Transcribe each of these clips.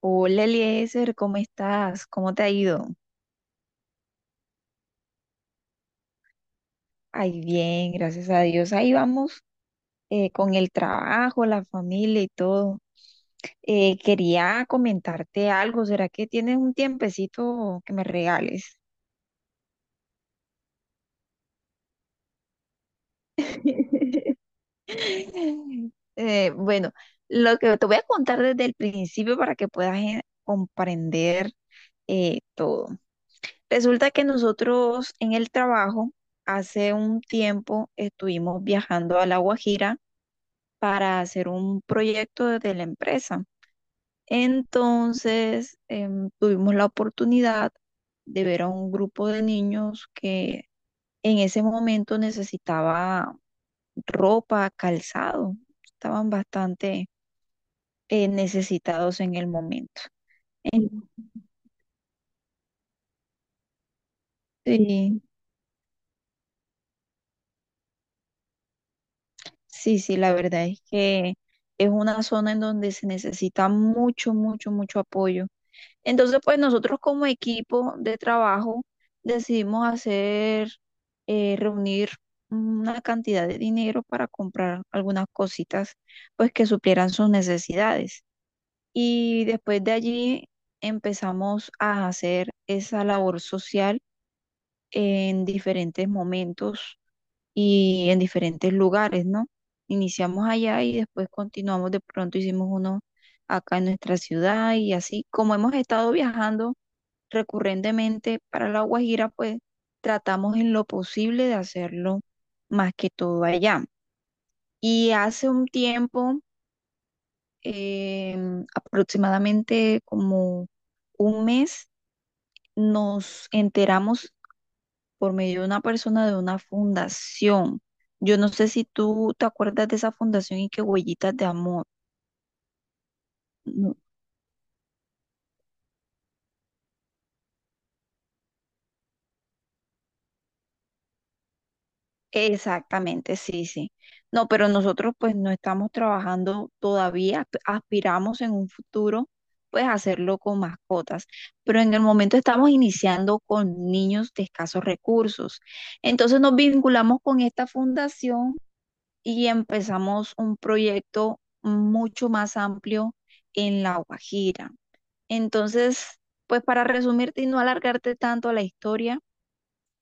Hola Eliezer, ¿cómo estás? ¿Cómo te ha ido? Ay, bien, gracias a Dios. Ahí vamos con el trabajo, la familia y todo. Quería comentarte algo. ¿Será que tienes un tiempecito que me regales? Bueno, lo que te voy a contar desde el principio para que puedas comprender todo. Resulta que nosotros en el trabajo hace un tiempo estuvimos viajando a La Guajira para hacer un proyecto de la empresa. Entonces, tuvimos la oportunidad de ver a un grupo de niños que en ese momento necesitaba ropa, calzado, estaban bastante necesitados en el momento. En- sí, sí, sí, la verdad es que es una zona en donde se necesita mucho, mucho, mucho apoyo. Entonces, pues nosotros como equipo de trabajo decidimos reunir una cantidad de dinero para comprar algunas cositas, pues que suplieran sus necesidades. Y después de allí empezamos a hacer esa labor social en diferentes momentos y en diferentes lugares, ¿no? Iniciamos allá y después continuamos, de pronto hicimos uno acá en nuestra ciudad y así como hemos estado viajando recurrentemente para La Guajira, pues tratamos en lo posible de hacerlo más que todo allá. Y hace un tiempo, eh, aproximadamente como un mes, nos enteramos por medio de una persona de una fundación. Yo no sé si tú te acuerdas de esa fundación y que Huellitas de Amor. ¿No? Exactamente, sí, sí. No, pero nosotros pues no estamos trabajando todavía, aspiramos en un futuro pues hacerlo con mascotas, pero en el momento estamos iniciando con niños de escasos recursos. Entonces nos vinculamos con esta fundación y empezamos un proyecto mucho más amplio en La Guajira. Entonces, pues para resumirte y no alargarte tanto la historia,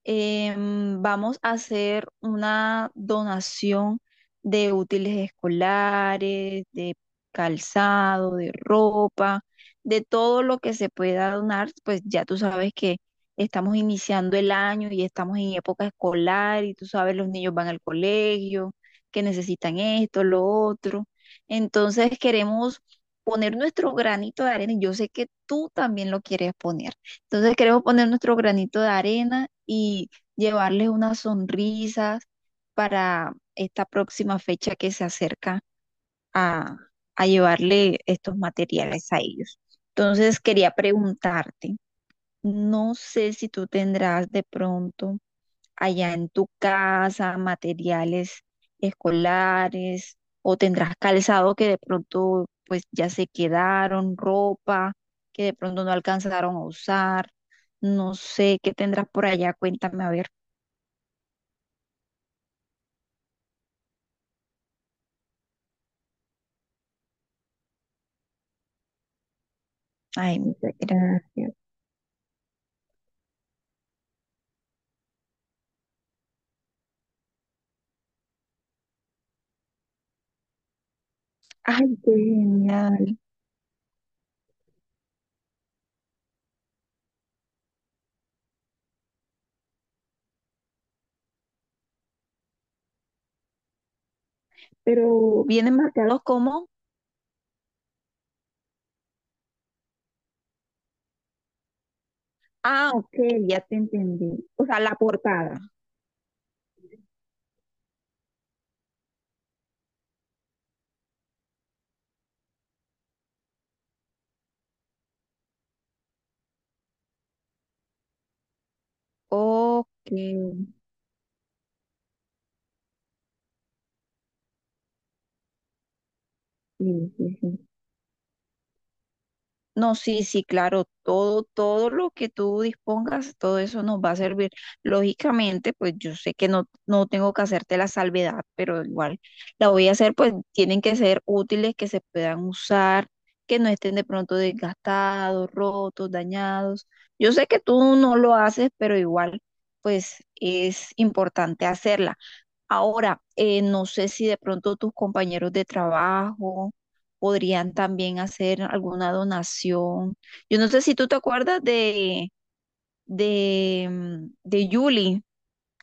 vamos a hacer una donación de útiles escolares, de calzado, de ropa, de todo lo que se pueda donar, pues ya tú sabes que estamos iniciando el año y estamos en época escolar y tú sabes, los niños van al colegio, que necesitan esto, lo otro. Entonces queremos poner nuestro granito de arena y yo sé que tú también lo quieres poner. Entonces queremos poner nuestro granito de arena y llevarles unas sonrisas para esta próxima fecha que se acerca a, a llevarle estos materiales a ellos. Entonces quería preguntarte, no sé si tú tendrás de pronto allá en tu casa, materiales escolares, o tendrás calzado que de pronto pues ya se quedaron, ropa que de pronto no alcanzaron a usar, no sé qué tendrás por allá, cuéntame a ver. Ay, muchas gracias. Ay, qué genial. Pero, ¿vienen marcados como, ah, ok, ya te entendí, o sea, la portada. Ok. Sí, sí, sí. No, sí, sí, claro, todo, todo lo que tú dispongas, todo eso nos va a servir. Lógicamente, pues yo sé que no, no tengo que hacerte la salvedad, pero igual la voy a hacer, pues tienen que ser útiles, que se puedan usar, que no estén de pronto desgastados, rotos, dañados. Yo sé que tú no lo haces, pero igual, pues es importante hacerla. Ahora, no sé si de pronto tus compañeros de trabajo podrían también hacer alguna donación. Yo no sé si tú te acuerdas de Julie,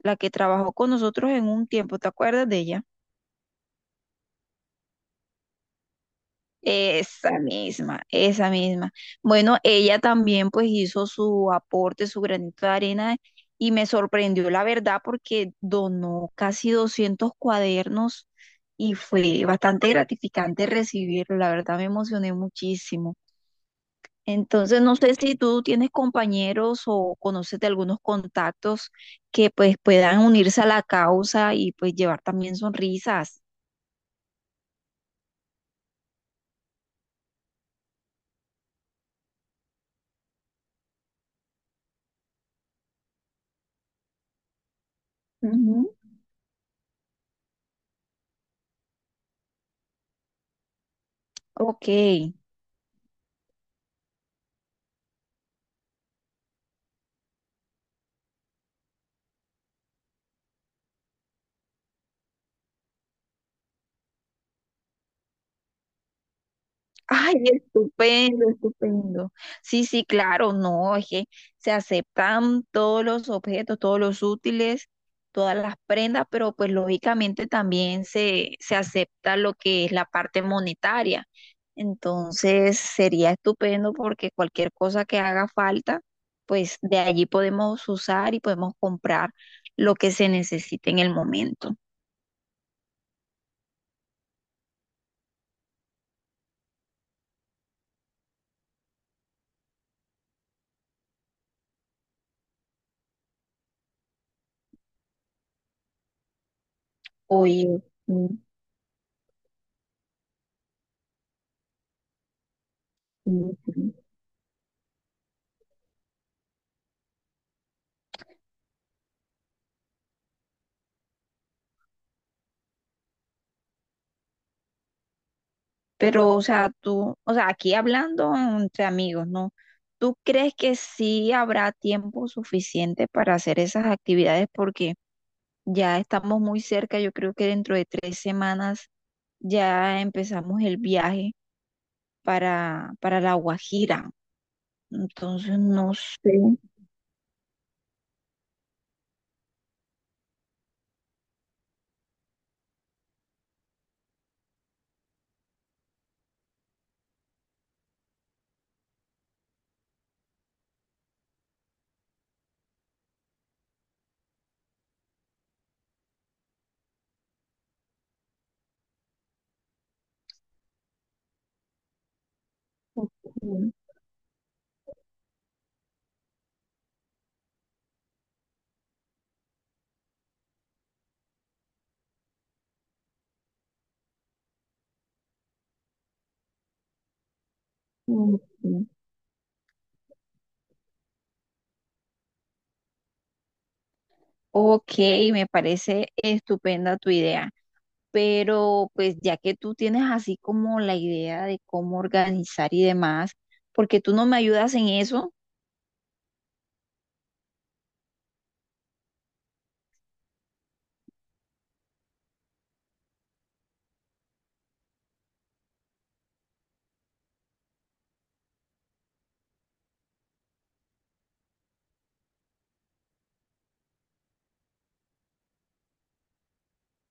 la que trabajó con nosotros en un tiempo, ¿te acuerdas de ella? Esa misma, esa misma. Bueno, ella también pues hizo su aporte, su granito de arena y me sorprendió la verdad porque donó casi 200 cuadernos y fue bastante gratificante recibirlo. La verdad me emocioné muchísimo. Entonces, no sé si tú tienes compañeros o conoces de algunos contactos que pues puedan unirse a la causa y pues llevar también sonrisas. Ujú. Ok. Ay, estupendo, estupendo. Sí, sí, claro, no, es que se aceptan todos los objetos, todos los útiles, todas las prendas, pero pues lógicamente también se acepta lo que es la parte monetaria. Entonces sería estupendo porque cualquier cosa que haga falta, pues de allí podemos usar y podemos comprar lo que se necesite en el momento. Oye, sí, sí, sí. Pero, o sea, tú, o sea, aquí hablando entre amigos, ¿no? ¿Tú crees que sí habrá tiempo suficiente para hacer esas actividades? Porque ya estamos muy cerca, yo creo que dentro de 3 semanas ya empezamos el viaje para La Guajira. Entonces, no sé. Ok, ok, ok, me parece estupenda tu idea. Pero pues ya que tú tienes así como la idea de cómo organizar y demás, porque tú no me ayudas en eso.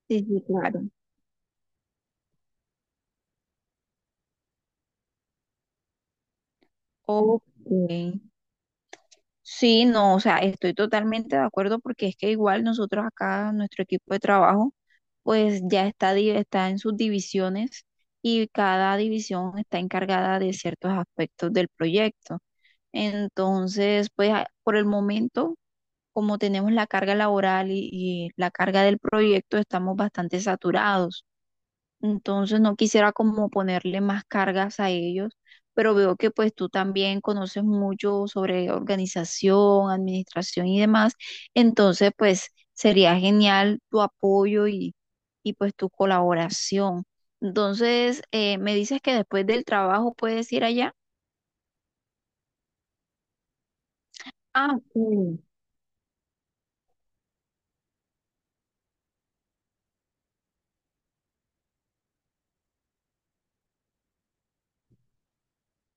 Sí, sí, claro. Ok. Sí, no, o sea, estoy totalmente de acuerdo porque es que igual nosotros acá, nuestro equipo de trabajo, pues ya está, está en sus divisiones y cada división está encargada de ciertos aspectos del proyecto. Entonces, pues por el momento como tenemos la carga laboral y la carga del proyecto, estamos bastante saturados. Entonces no quisiera como ponerle más cargas a ellos, pero veo que pues tú también conoces mucho sobre organización, administración y demás. Entonces pues sería genial tu apoyo y pues tu colaboración. Entonces me dices que después del trabajo puedes ir allá. Ah,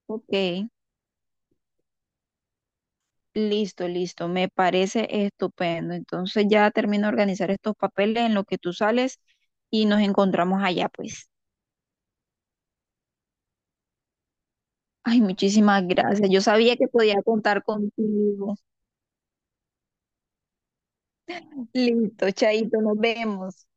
ok. Listo, listo, me parece estupendo. Entonces ya termino de organizar estos papeles en lo que tú sales y nos encontramos allá, pues. Ay, muchísimas gracias. Yo sabía que podía contar contigo. Listo, Chaito, nos vemos.